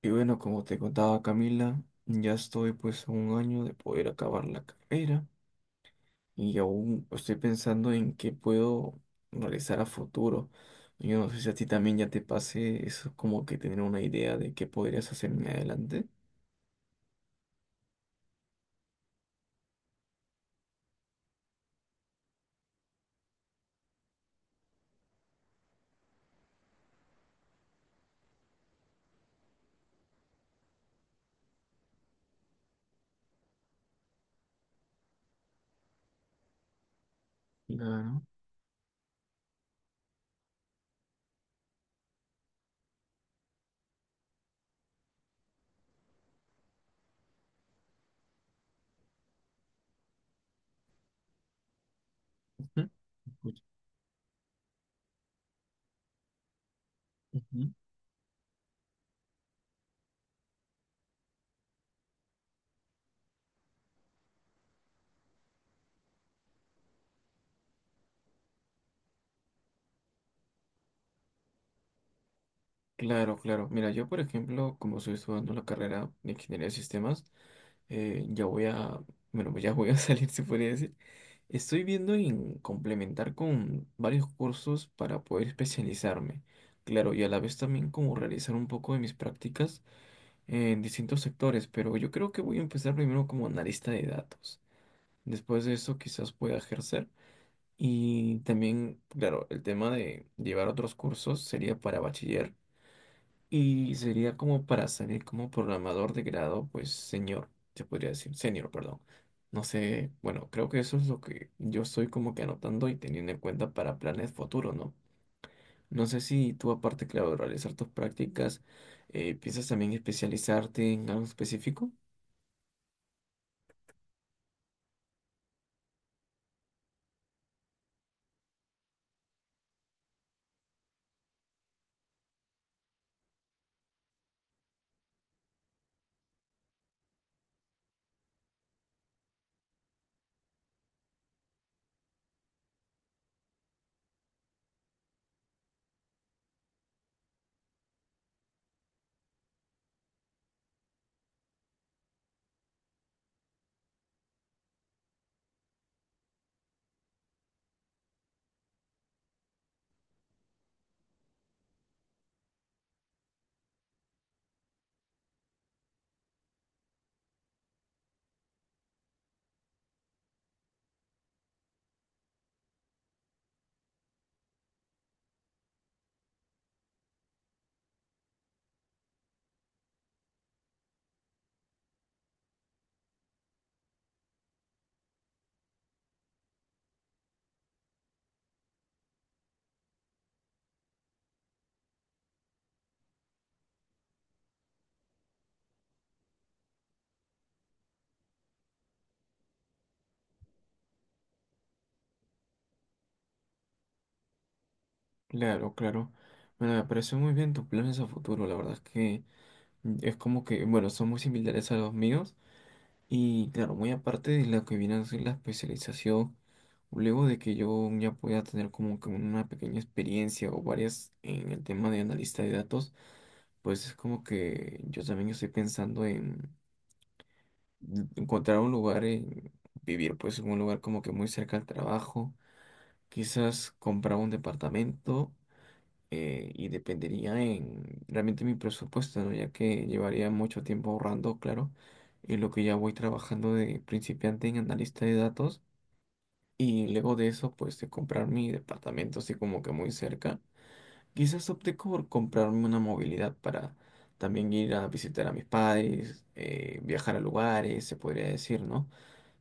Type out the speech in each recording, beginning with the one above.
Y bueno, como te contaba Camila, ya estoy pues a un año de poder acabar la carrera y aún estoy pensando en qué puedo realizar a futuro. Yo no sé si a ti también ya te pase eso, como que tener una idea de qué podrías hacer en adelante. Claro. Ujú. Escucha. Ujú. Claro, claro. Mira, yo por ejemplo, como estoy estudiando la carrera de Ingeniería de Sistemas, ya voy a, bueno, pues ya voy a salir, se podría decir. Estoy viendo en complementar con varios cursos para poder especializarme. Claro, y a la vez también como realizar un poco de mis prácticas en distintos sectores, pero yo creo que voy a empezar primero como analista de datos. Después de eso quizás pueda ejercer. Y también, claro, el tema de llevar otros cursos sería para bachiller y sería como para salir como programador de grado, pues señor, se podría decir, senior, perdón. No sé, bueno, creo que eso es lo que yo estoy como que anotando y teniendo en cuenta para planes futuros, ¿no? No sé si tú, aparte, claro, de realizar tus prácticas, piensas también especializarte en algo específico. Claro, claro. Bueno, me pareció muy bien tus planes a futuro, la verdad es que es como que, bueno, son muy similares a los míos. Y claro, muy aparte de lo que viene a ser la especialización, luego de que yo ya pueda tener como que una pequeña experiencia o varias en el tema de analista de datos, pues es como que yo también estoy pensando en encontrar un lugar, en vivir pues en un lugar como que muy cerca al trabajo, quizás comprar un departamento y dependería en realmente mi presupuesto, ¿no? Ya que llevaría mucho tiempo ahorrando, claro, y lo que ya voy trabajando de principiante en analista de datos y luego de eso, pues de comprar mi departamento así como que muy cerca, quizás opté por comprarme una movilidad para también ir a visitar a mis padres, viajar a lugares, se podría decir, ¿no?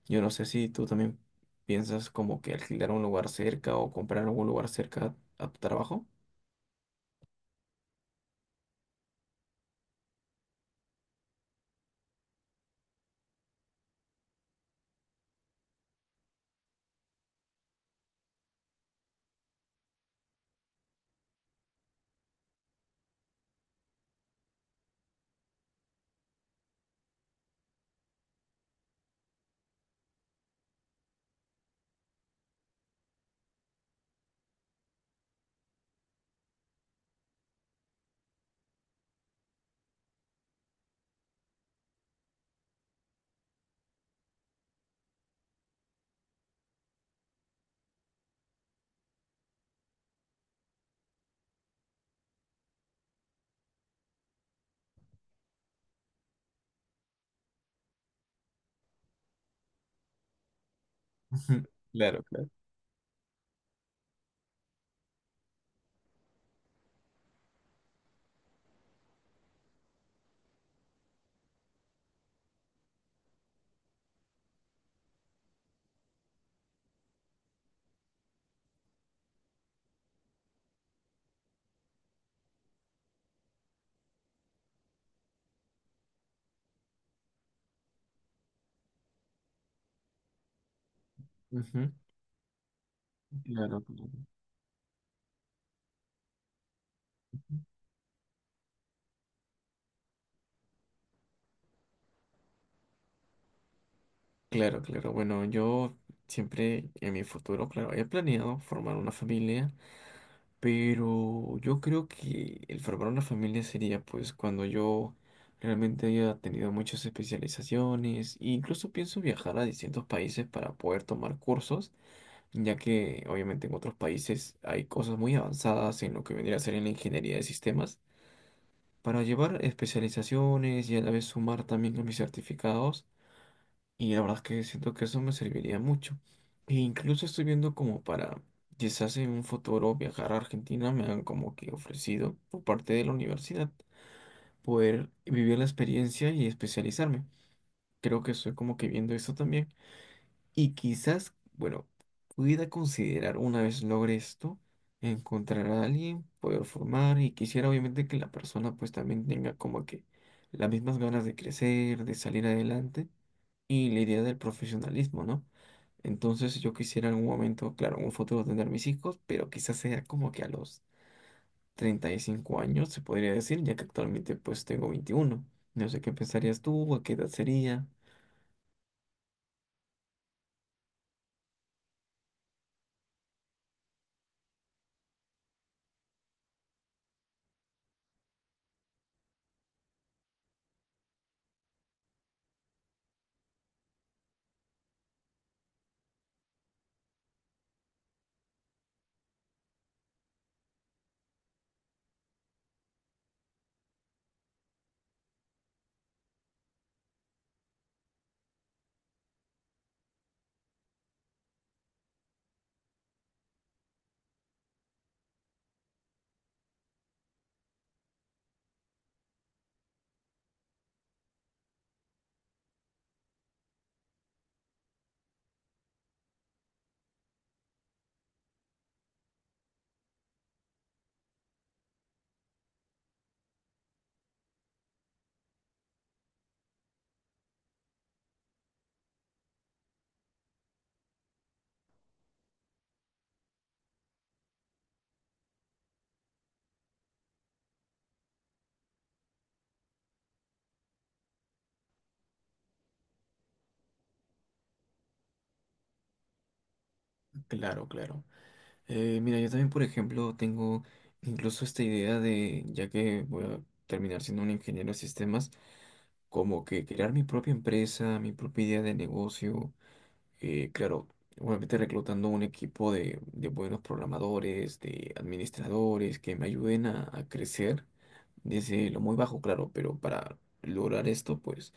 Yo no sé si tú también piensas como que alquilar un lugar cerca o comprar algún lugar cerca a tu trabajo. Claro, claro. Ujú. Claro, claro. Claro, claro. Bueno, yo siempre en mi futuro, claro, he planeado formar una familia, pero yo creo que el formar una familia sería pues cuando yo realmente haya tenido muchas especializaciones e incluso pienso viajar a distintos países para poder tomar cursos, ya que obviamente en otros países hay cosas muy avanzadas en lo que vendría a ser en la ingeniería de sistemas, para llevar especializaciones y a la vez sumar también a mis certificados. Y la verdad es que siento que eso me serviría mucho. E incluso estoy viendo como para, quizás en un futuro, viajar a Argentina, me han como que ofrecido por parte de la universidad poder vivir la experiencia y especializarme. Creo que estoy como que viendo esto también. Y quizás, bueno, pudiera considerar una vez logre esto, encontrar a alguien, poder formar y quisiera obviamente que la persona pues también tenga como que las mismas ganas de crecer, de salir adelante y la idea del profesionalismo, ¿no? Entonces yo quisiera en algún momento, claro, en un futuro tener mis hijos, pero quizás sea como que a los 35 años, se podría decir, ya que actualmente pues tengo 21. No sé qué pensarías tú, a qué edad sería. Claro, claro. Mira, yo también, por ejemplo, tengo incluso esta idea de, ya que voy a terminar siendo un ingeniero de sistemas, como que crear mi propia empresa, mi propia idea de negocio, claro, obviamente reclutando un equipo de buenos programadores, de administradores que me ayuden a crecer desde lo muy bajo, claro, pero para lograr esto, pues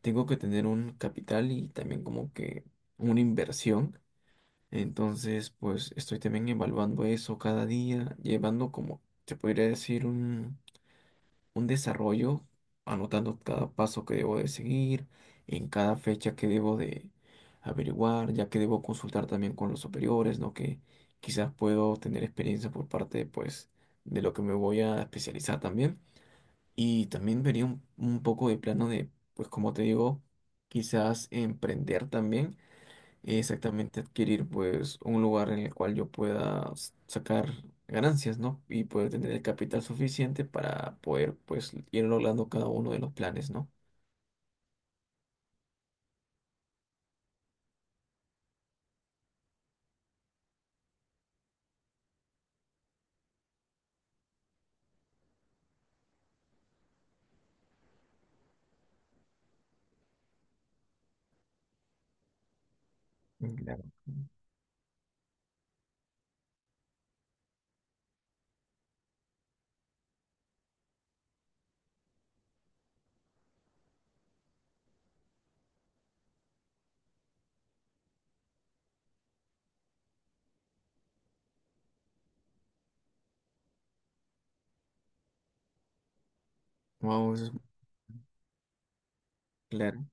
tengo que tener un capital y también como que una inversión. Entonces, pues estoy también evaluando eso cada día, llevando como, se podría decir, un desarrollo, anotando cada paso que debo de seguir, en cada fecha que debo de averiguar, ya que debo consultar también con los superiores, ¿no? Que quizás puedo tener experiencia por parte, pues, de lo que me voy a especializar también. Y también vería un poco de plano de, pues, como te digo, quizás emprender también exactamente adquirir pues un lugar en el cual yo pueda sacar ganancias, ¿no? Y poder tener el capital suficiente para poder pues ir logrando cada uno de los planes, ¿no? Claro. Wow, eso es claro,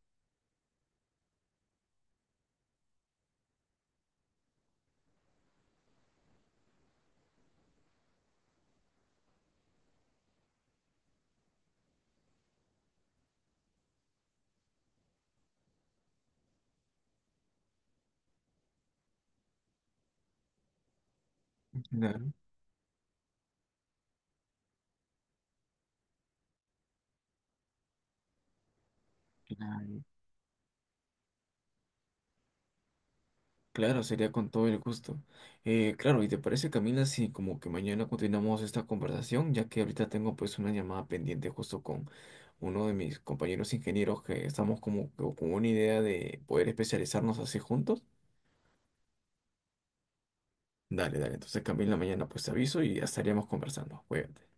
claro, claro, claro, sería con todo el gusto. Claro, ¿y te parece, Camila, si como que mañana continuamos esta conversación, ya que ahorita tengo pues una llamada pendiente justo con uno de mis compañeros ingenieros que estamos como que con una idea de poder especializarnos así juntos? Dale, dale. Entonces, Camila, mañana pues te aviso y ya estaríamos conversando. Cuídate.